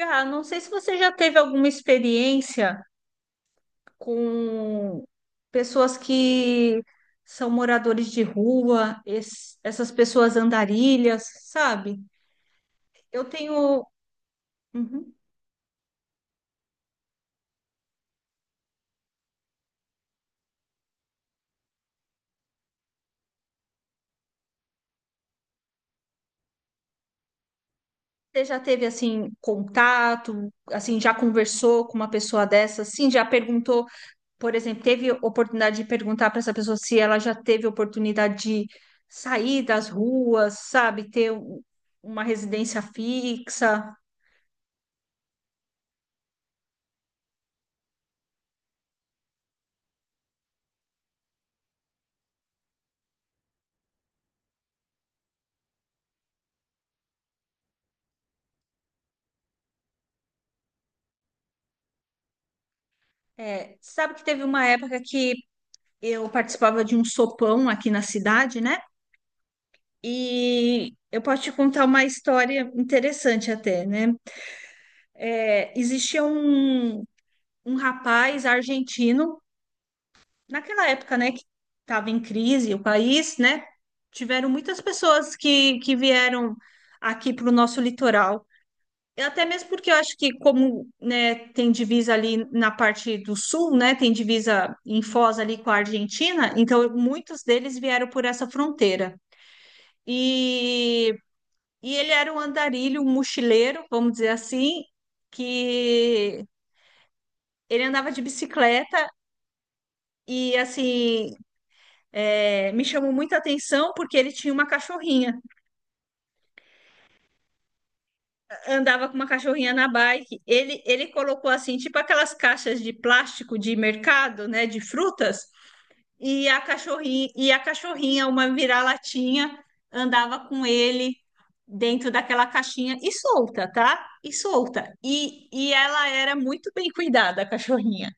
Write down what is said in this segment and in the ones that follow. Ah, não sei se você já teve alguma experiência com pessoas que são moradores de rua, essas pessoas andarilhas, sabe? Eu tenho. Uhum. Você já teve assim contato, assim já conversou com uma pessoa dessa, assim já perguntou, por exemplo, teve oportunidade de perguntar para essa pessoa se ela já teve oportunidade de sair das ruas, sabe, ter uma residência fixa? Sabe que teve uma época que eu participava de um sopão aqui na cidade, né? E eu posso te contar uma história interessante até, né? Existia um rapaz argentino, naquela época, né, que estava em crise o país, né? Tiveram muitas pessoas que vieram aqui para o nosso litoral. Até mesmo porque eu acho que como, né, tem divisa ali na parte do sul, né, tem divisa em Foz ali com a Argentina, então muitos deles vieram por essa fronteira. E, e ele era um andarilho, um mochileiro, vamos dizer assim, que ele andava de bicicleta e, assim, me chamou muita atenção porque ele tinha uma cachorrinha. Andava com uma cachorrinha na bike. Ele colocou, assim, tipo aquelas caixas de plástico de mercado, né, de frutas. E a cachorrinha, uma vira-latinha, andava com ele dentro daquela caixinha e solta, tá? E solta. E ela era muito bem cuidada, a cachorrinha.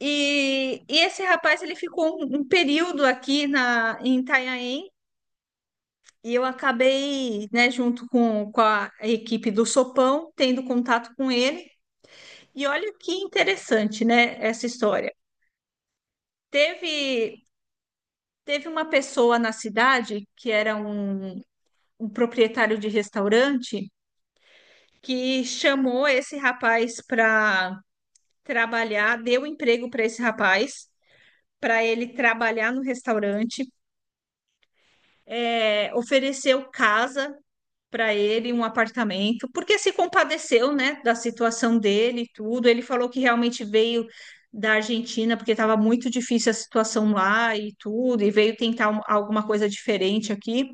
E esse rapaz, ele ficou um período aqui na, em Itanhaém, e eu acabei, né, junto com a equipe do Sopão, tendo contato com ele. E olha que interessante, né, essa história. Teve, teve uma pessoa na cidade que era um proprietário de restaurante que chamou esse rapaz para trabalhar, deu emprego para esse rapaz, para ele trabalhar no restaurante, ofereceu casa para ele, um apartamento, porque se compadeceu, né, da situação dele e tudo. Ele falou que realmente veio da Argentina porque estava muito difícil a situação lá e tudo, e veio tentar alguma coisa diferente aqui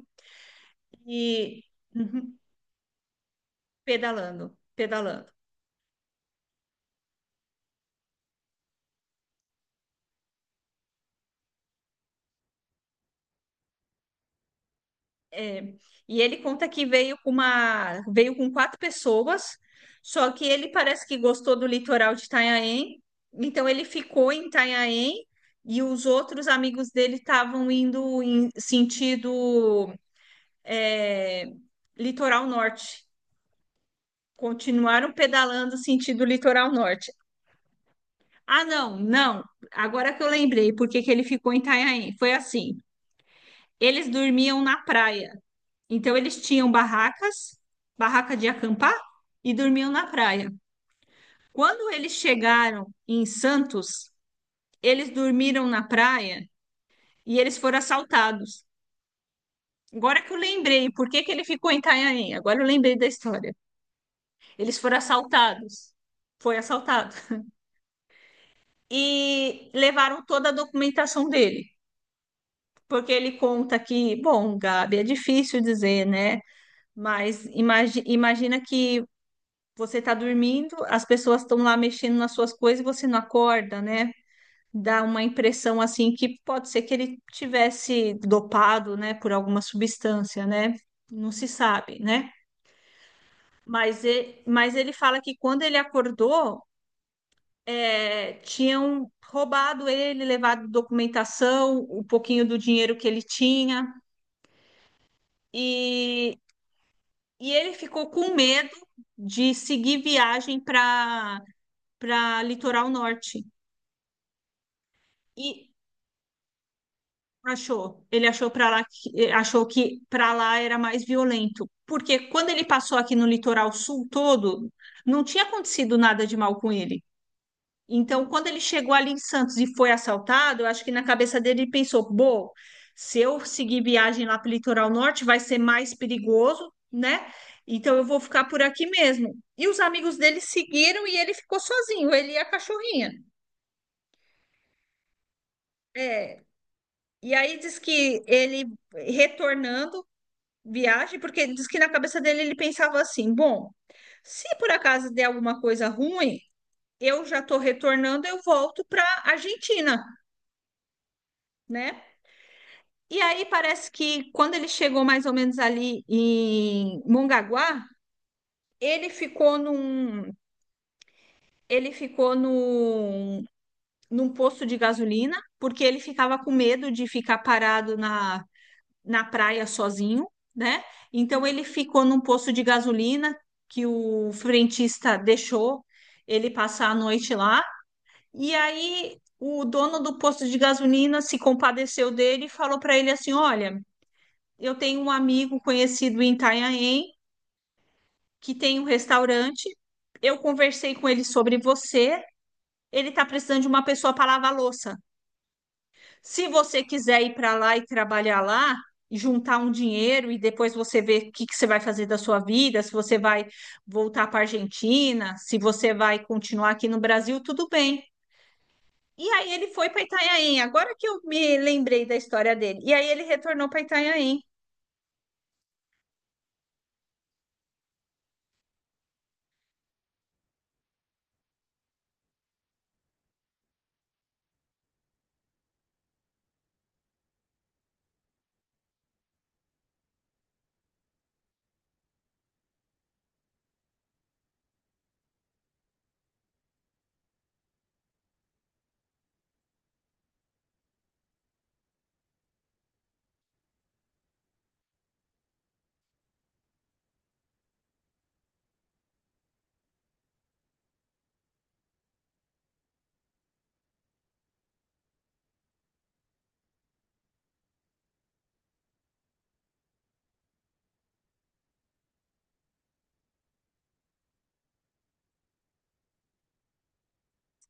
e Uhum. Pedalando, pedalando. É, e ele conta que veio com quatro pessoas, só que ele parece que gostou do litoral de Itanhaém, então ele ficou em Itanhaém e os outros amigos dele estavam indo em sentido é, litoral norte, continuaram pedalando sentido litoral norte. Ah, não, não. Agora que eu lembrei por que que ele ficou em Itanhaém, foi assim. Eles dormiam na praia. Então eles tinham barracas, barraca de acampar e dormiam na praia. Quando eles chegaram em Santos, eles dormiram na praia e eles foram assaltados. Agora que eu lembrei, por que que ele ficou em Itanhaém? Agora eu lembrei da história. Eles foram assaltados. Foi assaltado. E levaram toda a documentação dele. Porque ele conta que, bom, Gabi, é difícil dizer, né? Mas imagina que você está dormindo, as pessoas estão lá mexendo nas suas coisas e você não acorda, né? Dá uma impressão assim que pode ser que ele tivesse dopado, né, por alguma substância, né? Não se sabe, né? Mas ele fala que quando ele acordou, tinham roubado ele, levado documentação, o pouquinho do dinheiro que ele tinha, e, e ele ficou com medo de seguir viagem para Litoral Norte. E achou. Ele achou que para lá era mais violento, porque quando ele passou aqui no litoral sul todo, não tinha acontecido nada de mal com ele. Então, quando ele chegou ali em Santos e foi assaltado, eu acho que na cabeça dele ele pensou: "Bom, se eu seguir viagem lá para o litoral norte, vai ser mais perigoso, né? Então eu vou ficar por aqui mesmo". E os amigos dele seguiram e ele ficou sozinho, ele e a cachorrinha. É. E aí diz que ele retornando viagem, porque diz que na cabeça dele ele pensava assim: bom, se por acaso der alguma coisa ruim, eu já estou retornando, eu volto para Argentina, né? E aí parece que quando ele chegou mais ou menos ali em Mongaguá, ele ficou ele ficou num, num posto de gasolina, porque ele ficava com medo de ficar parado na praia sozinho, né? Então ele ficou num posto de gasolina que o frentista deixou ele passar a noite lá. E aí o dono do posto de gasolina se compadeceu dele e falou para ele assim: "Olha, eu tenho um amigo conhecido em Itanhaém que tem um restaurante. Eu conversei com ele sobre você. Ele está precisando de uma pessoa para lavar louça. Se você quiser ir para lá e trabalhar lá, juntar um dinheiro e depois você ver o que que você vai fazer da sua vida, se você vai voltar para a Argentina, se você vai continuar aqui no Brasil, tudo bem. E aí ele foi para Itanhaém, agora que eu me lembrei da história dele. E aí ele retornou para Itanhaém.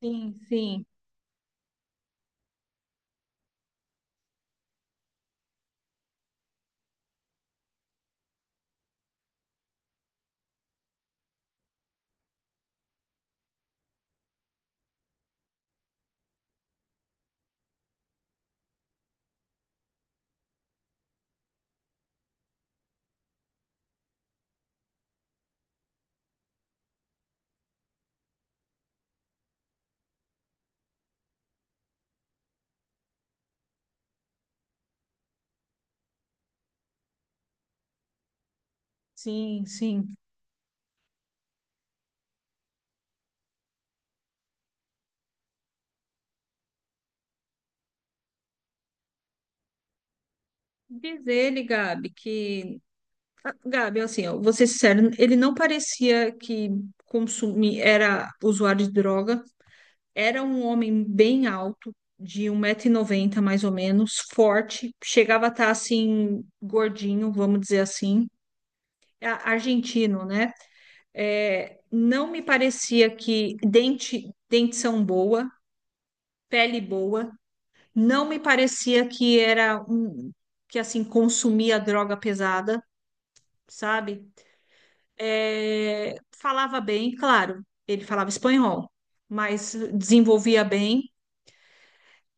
Sim, sim, sim, sim. Diz ele, Gabi, que. Ah, Gabi, assim, ó, vou ser sincero, ele não parecia que era usuário de droga. Era um homem bem alto, de um metro e noventa mais ou menos, forte, chegava a estar assim, gordinho, vamos dizer assim, A- argentino, né? Não me parecia que dentição boa, pele boa, não me parecia que era um que assim consumia droga pesada, sabe? Falava bem, claro, ele falava espanhol, mas desenvolvia bem.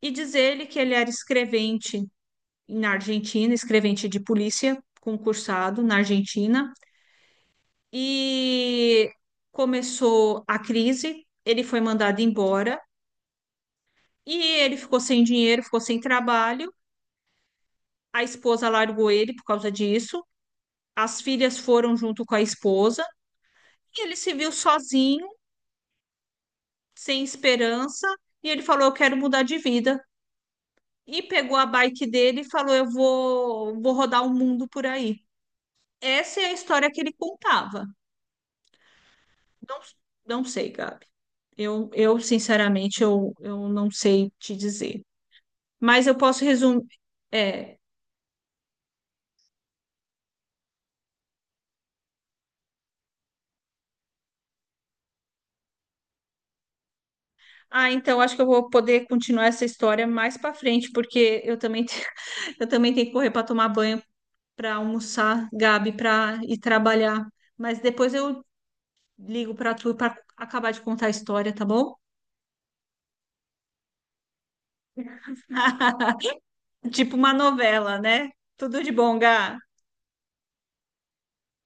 E diz ele que ele era escrevente na Argentina, escrevente de polícia, concursado na Argentina, e começou a crise. Ele foi mandado embora e ele ficou sem dinheiro, ficou sem trabalho. A esposa largou ele por causa disso. As filhas foram junto com a esposa e ele se viu sozinho, sem esperança. E ele falou: eu quero mudar de vida. E pegou a bike dele e falou: Eu vou rodar o mundo por aí. Essa é a história que ele contava. Não, não sei, Gabi. Eu sinceramente, eu não sei te dizer. Mas eu posso resumir. É. Ah, então acho que eu vou poder continuar essa história mais para frente, porque eu também, eu também tenho que correr para tomar banho, para almoçar, Gabi, para ir trabalhar. Mas depois eu ligo para tu para acabar de contar a história, tá bom? Tipo uma novela, né? Tudo de bom, Gá.